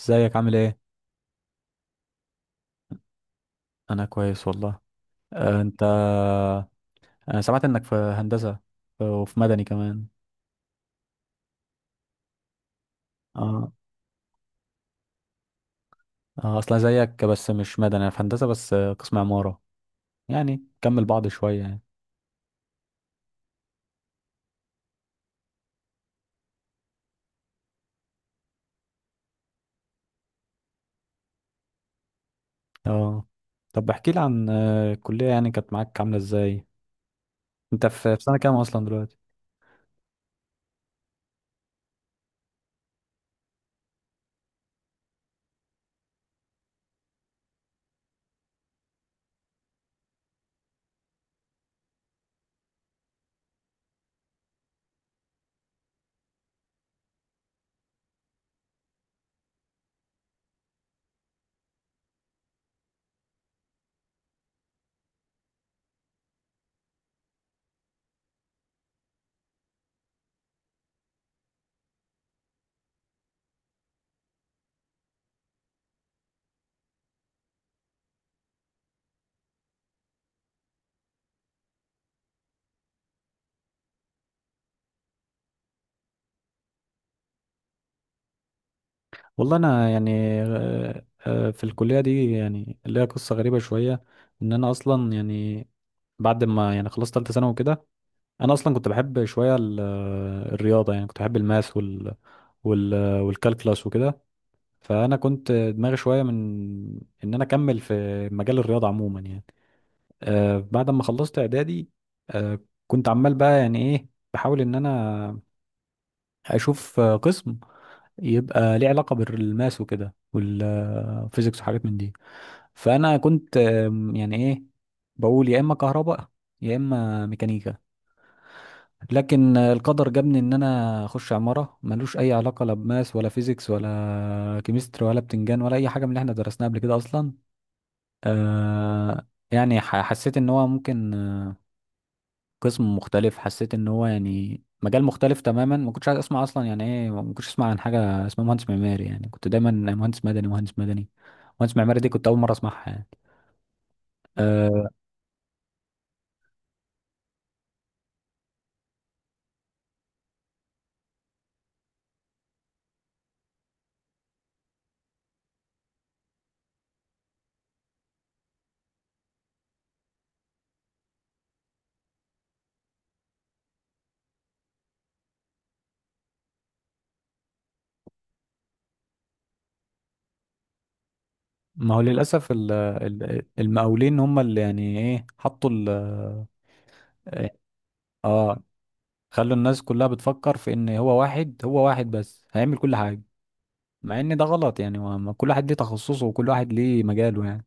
ازيك عامل ايه؟ انا كويس والله. انت انا سمعت انك في هندسة وفي مدني كمان. اه اه اصلا زيك بس مش مدني، انا في هندسة بس، قسم عمارة، يعني كمل بعض شوية يعني. اه طب احكي لي عن الكلية، يعني كانت معاك عاملة ازاي؟ انت في سنة كام اصلا دلوقتي؟ والله انا يعني في الكلية دي يعني ليها قصة غريبة شوية، ان انا اصلا يعني بعد ما يعني خلصت تالتة ثانوي وكده، انا اصلا كنت بحب شويه الرياضه، يعني كنت بحب الماث وال وال والكالكلاس وكده. فانا كنت دماغي شويه من ان انا اكمل في مجال الرياضه عموما يعني. آه بعد ما خلصت اعدادي آه كنت عمال بقى يعني ايه بحاول ان انا اشوف قسم يبقى ليه علاقه بالماث وكده والفيزيكس وحاجات من دي. فانا كنت يعني ايه بقول يا اما كهرباء يا اما ميكانيكا. لكن القدر جابني ان انا اخش عمارة، ملوش اي علاقة لا بماس ولا فيزيكس ولا كيمستري ولا بتنجان ولا اي حاجة من اللي احنا درسناها قبل كده اصلا. آه يعني حسيت ان هو ممكن قسم مختلف، حسيت ان هو يعني مجال مختلف تماما. ما كنتش عايز اسمع اصلا يعني ايه، ما كنتش اسمع عن حاجة اسمها مهندس معماري، يعني كنت دايما مهندس مدني مهندس مدني. مهندس معماري دي كنت اول مرة اسمعها يعني. آه ما هو للاسف المقاولين هم اللي يعني ايه حطوا ال-. اه خلوا الناس كلها بتفكر في ان هو واحد، هو واحد بس هيعمل كل حاجه، مع ان ده غلط يعني. ما ما كل واحد ليه تخصصه وكل واحد ليه مجاله يعني.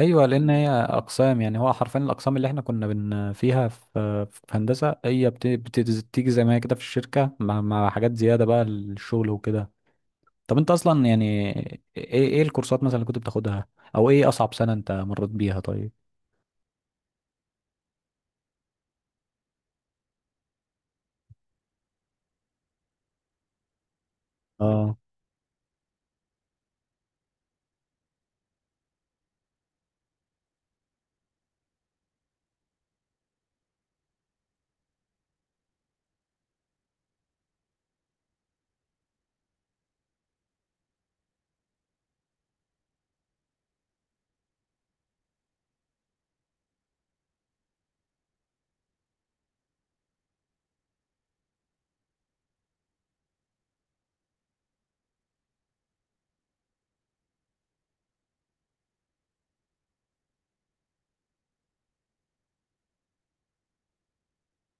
ايوه لان هي اقسام، يعني هو حرفيا الاقسام اللي احنا كنا بن فيها في في هندسه هي بتيجي زي ما هي كده في الشركه، مع حاجات زياده بقى للشغل وكده. طب انت اصلا يعني ايه، ايه الكورسات مثلا اللي كنت بتاخدها، او ايه اصعب سنه انت مريت بيها طيب؟ اه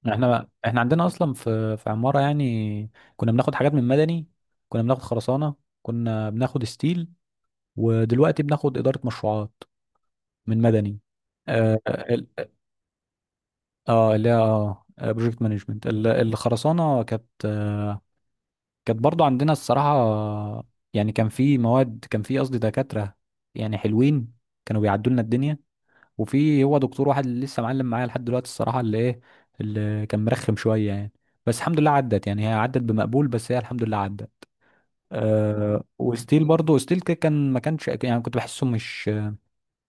احنا عندنا اصلا في في عماره يعني كنا بناخد حاجات من مدني، كنا بناخد خرسانه، كنا بناخد ستيل، ودلوقتي بناخد اداره مشروعات من مدني. اه ال-، اه اللي هي اه بروجكت مانجمنت. الخرسانه كانت برضو عندنا الصراحه يعني كان في مواد، كان في قصدي دكاتره يعني حلوين كانوا بيعدوا لنا الدنيا. وفي هو دكتور واحد اللي لسه معلم معايا لحد دلوقتي الصراحه، اللي ايه اللي كان مرخم شويه يعني. بس الحمد لله عدت، يعني هي عدت بمقبول، بس هي الحمد لله عدت. أه وستيل برضه، ستيل كده كان ما كانش يعني كنت بحسه مش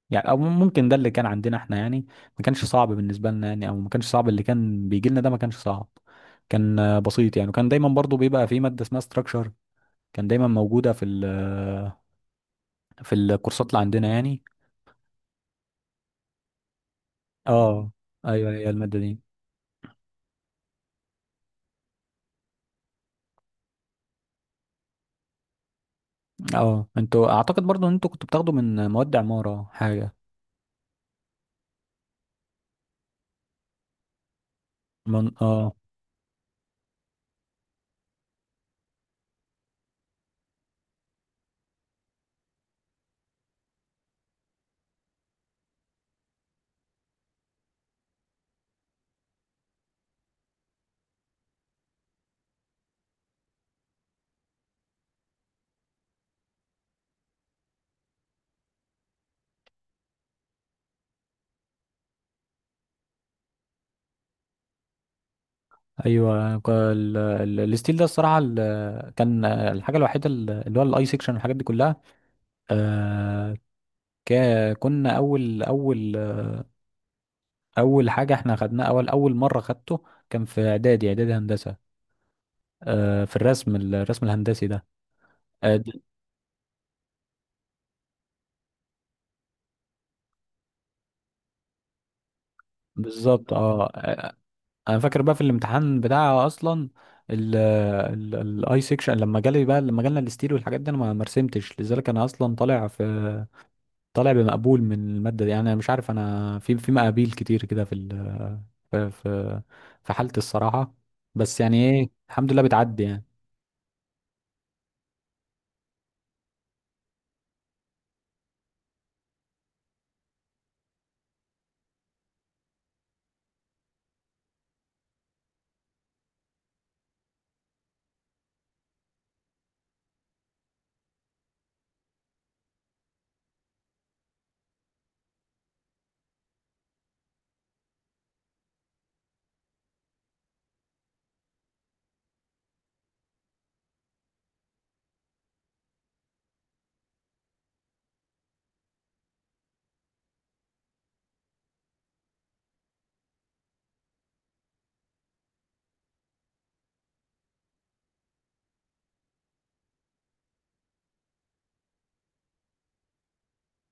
يعني، او ممكن ده اللي كان عندنا احنا يعني، ما كانش صعب بالنسبه لنا يعني، او ما كانش صعب اللي كان بيجي لنا ده ما كانش صعب. كان بسيط يعني. وكان دايما برضه بيبقى في ماده اسمها ستراكشر، كان دايما موجوده في ال في الكورسات اللي عندنا يعني. اه ايوه هي الماده دي. اه انتوا اعتقد برضو ان انتوا كنتوا بتاخدوا من مواد عمارة حاجة من اه. ايوه الستيل ده الصراحة، كان الحاجة الوحيدة ال- اللي هو الاي سيكشن والحاجات دي كلها. آه... ك... كنا اول حاجة احنا خدناها، اول مرة خدته كان في اعدادي، اعدادي هندسة، في الرسم، الرسم الهندسي ده. آه... د- بالظبط اه. انا فاكر بقى في الامتحان بتاع اصلا ال ال الاي سيكشن لما جالي بقى، لما جالنا الستيل والحاجات دي انا ما ما رسمتش، لذلك انا اصلا طالع في، طالع بمقبول من الماده دي يعني. انا مش عارف انا في مقابيل كتير كده في ال في في في حالتي الصراحه. بس يعني ايه الحمد لله بتعدي يعني.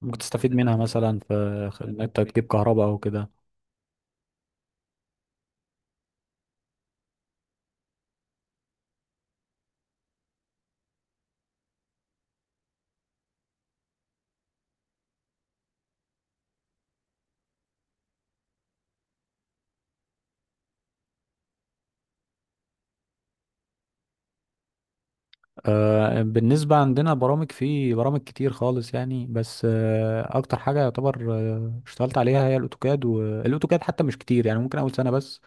ممكن تستفيد منها مثلا في انك تجيب كهرباء او كده. بالنسبة عندنا برامج، في برامج كتير خالص يعني. بس أكتر حاجة يعتبر اشتغلت عليها هي الأوتوكاد، والأوتوكاد حتى مش كتير يعني، ممكن أول سنة بس.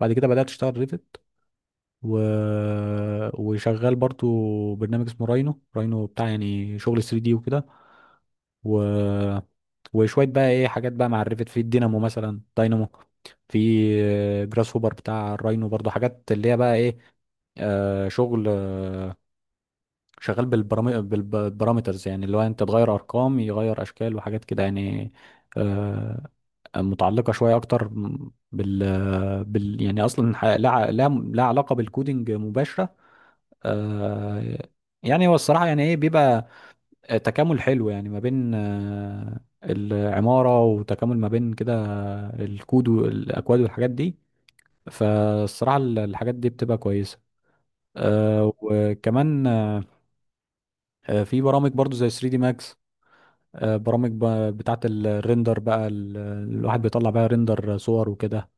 بعد كده بدأت أشتغل ريفت و... وشغال برضو برنامج اسمه راينو بتاع يعني شغل 3 دي وكده. و... وشوية بقى إيه حاجات بقى مع الريفت، في الدينامو مثلا، داينامو، في جراس هوبر بتاع الراينو برضو، حاجات اللي هي بقى إيه، شغل شغال بالبارامترز، يعني اللي هو انت تغير ارقام يغير اشكال وحاجات كده يعني. آه، متعلقه شويه اكتر بال, يعني اصلا ح- لا ع- لا لا علاقه بالكودينج مباشره. آه، يعني هو الصراحه يعني ايه بيبقى تكامل حلو، يعني ما بين العماره، وتكامل ما بين كده الكود والاكواد والحاجات دي. فالصراحه ال- الحاجات دي بتبقى كويسه. وكمان في برامج برضو زي 3 دي ماكس، برامج بتاعة الريندر بقى، ال- الواحد بيطلع بقى ريندر صور وكده.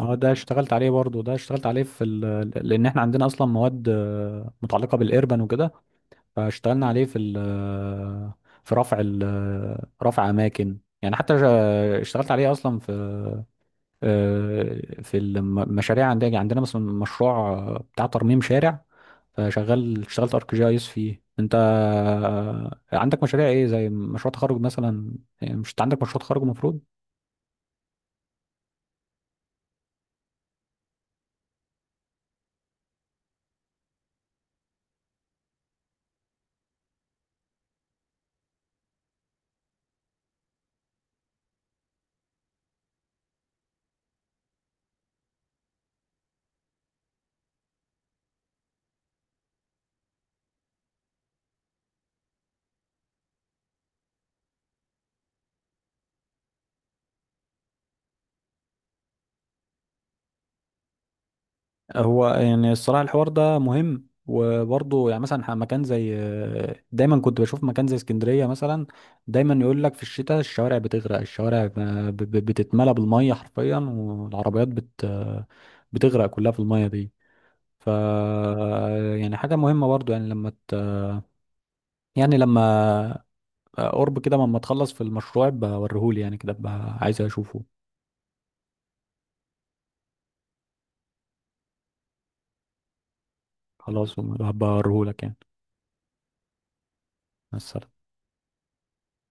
اه ده اشتغلت عليه برضه، ده اشتغلت عليه في لان احنا عندنا اصلا مواد متعلقة بالايربان وكده. فاشتغلنا عليه في ال... آه، في رفع ال... آه، رفع اماكن يعني. حتى اشتغلت عليه اصلا في في المشاريع. عندنا مثلا مشروع بتاع ترميم شارع، فشغال اشتغلت ارك جي اس فيه. انت عندك مشاريع ايه زي مشروع تخرج مثلا؟ مش انت عندك مشروع تخرج المفروض؟ هو يعني الصراحه الحوار ده مهم. وبرضه يعني مثلا مكان زي دايما كنت بشوف مكان زي اسكندريه مثلا، دايما يقول لك في الشتاء الشوارع بتغرق، الشوارع بتتملى بالميه حرفيا، والعربيات بت آه، بتغرق كلها في الميه دي. ف يعني حاجه مهمه برضه يعني يعني لما قرب كده ما تخلص في المشروع بوريهولي يعني كده بقى عايز اشوفه. خلاص هبقى اوريهولك يعني. مع السلامة.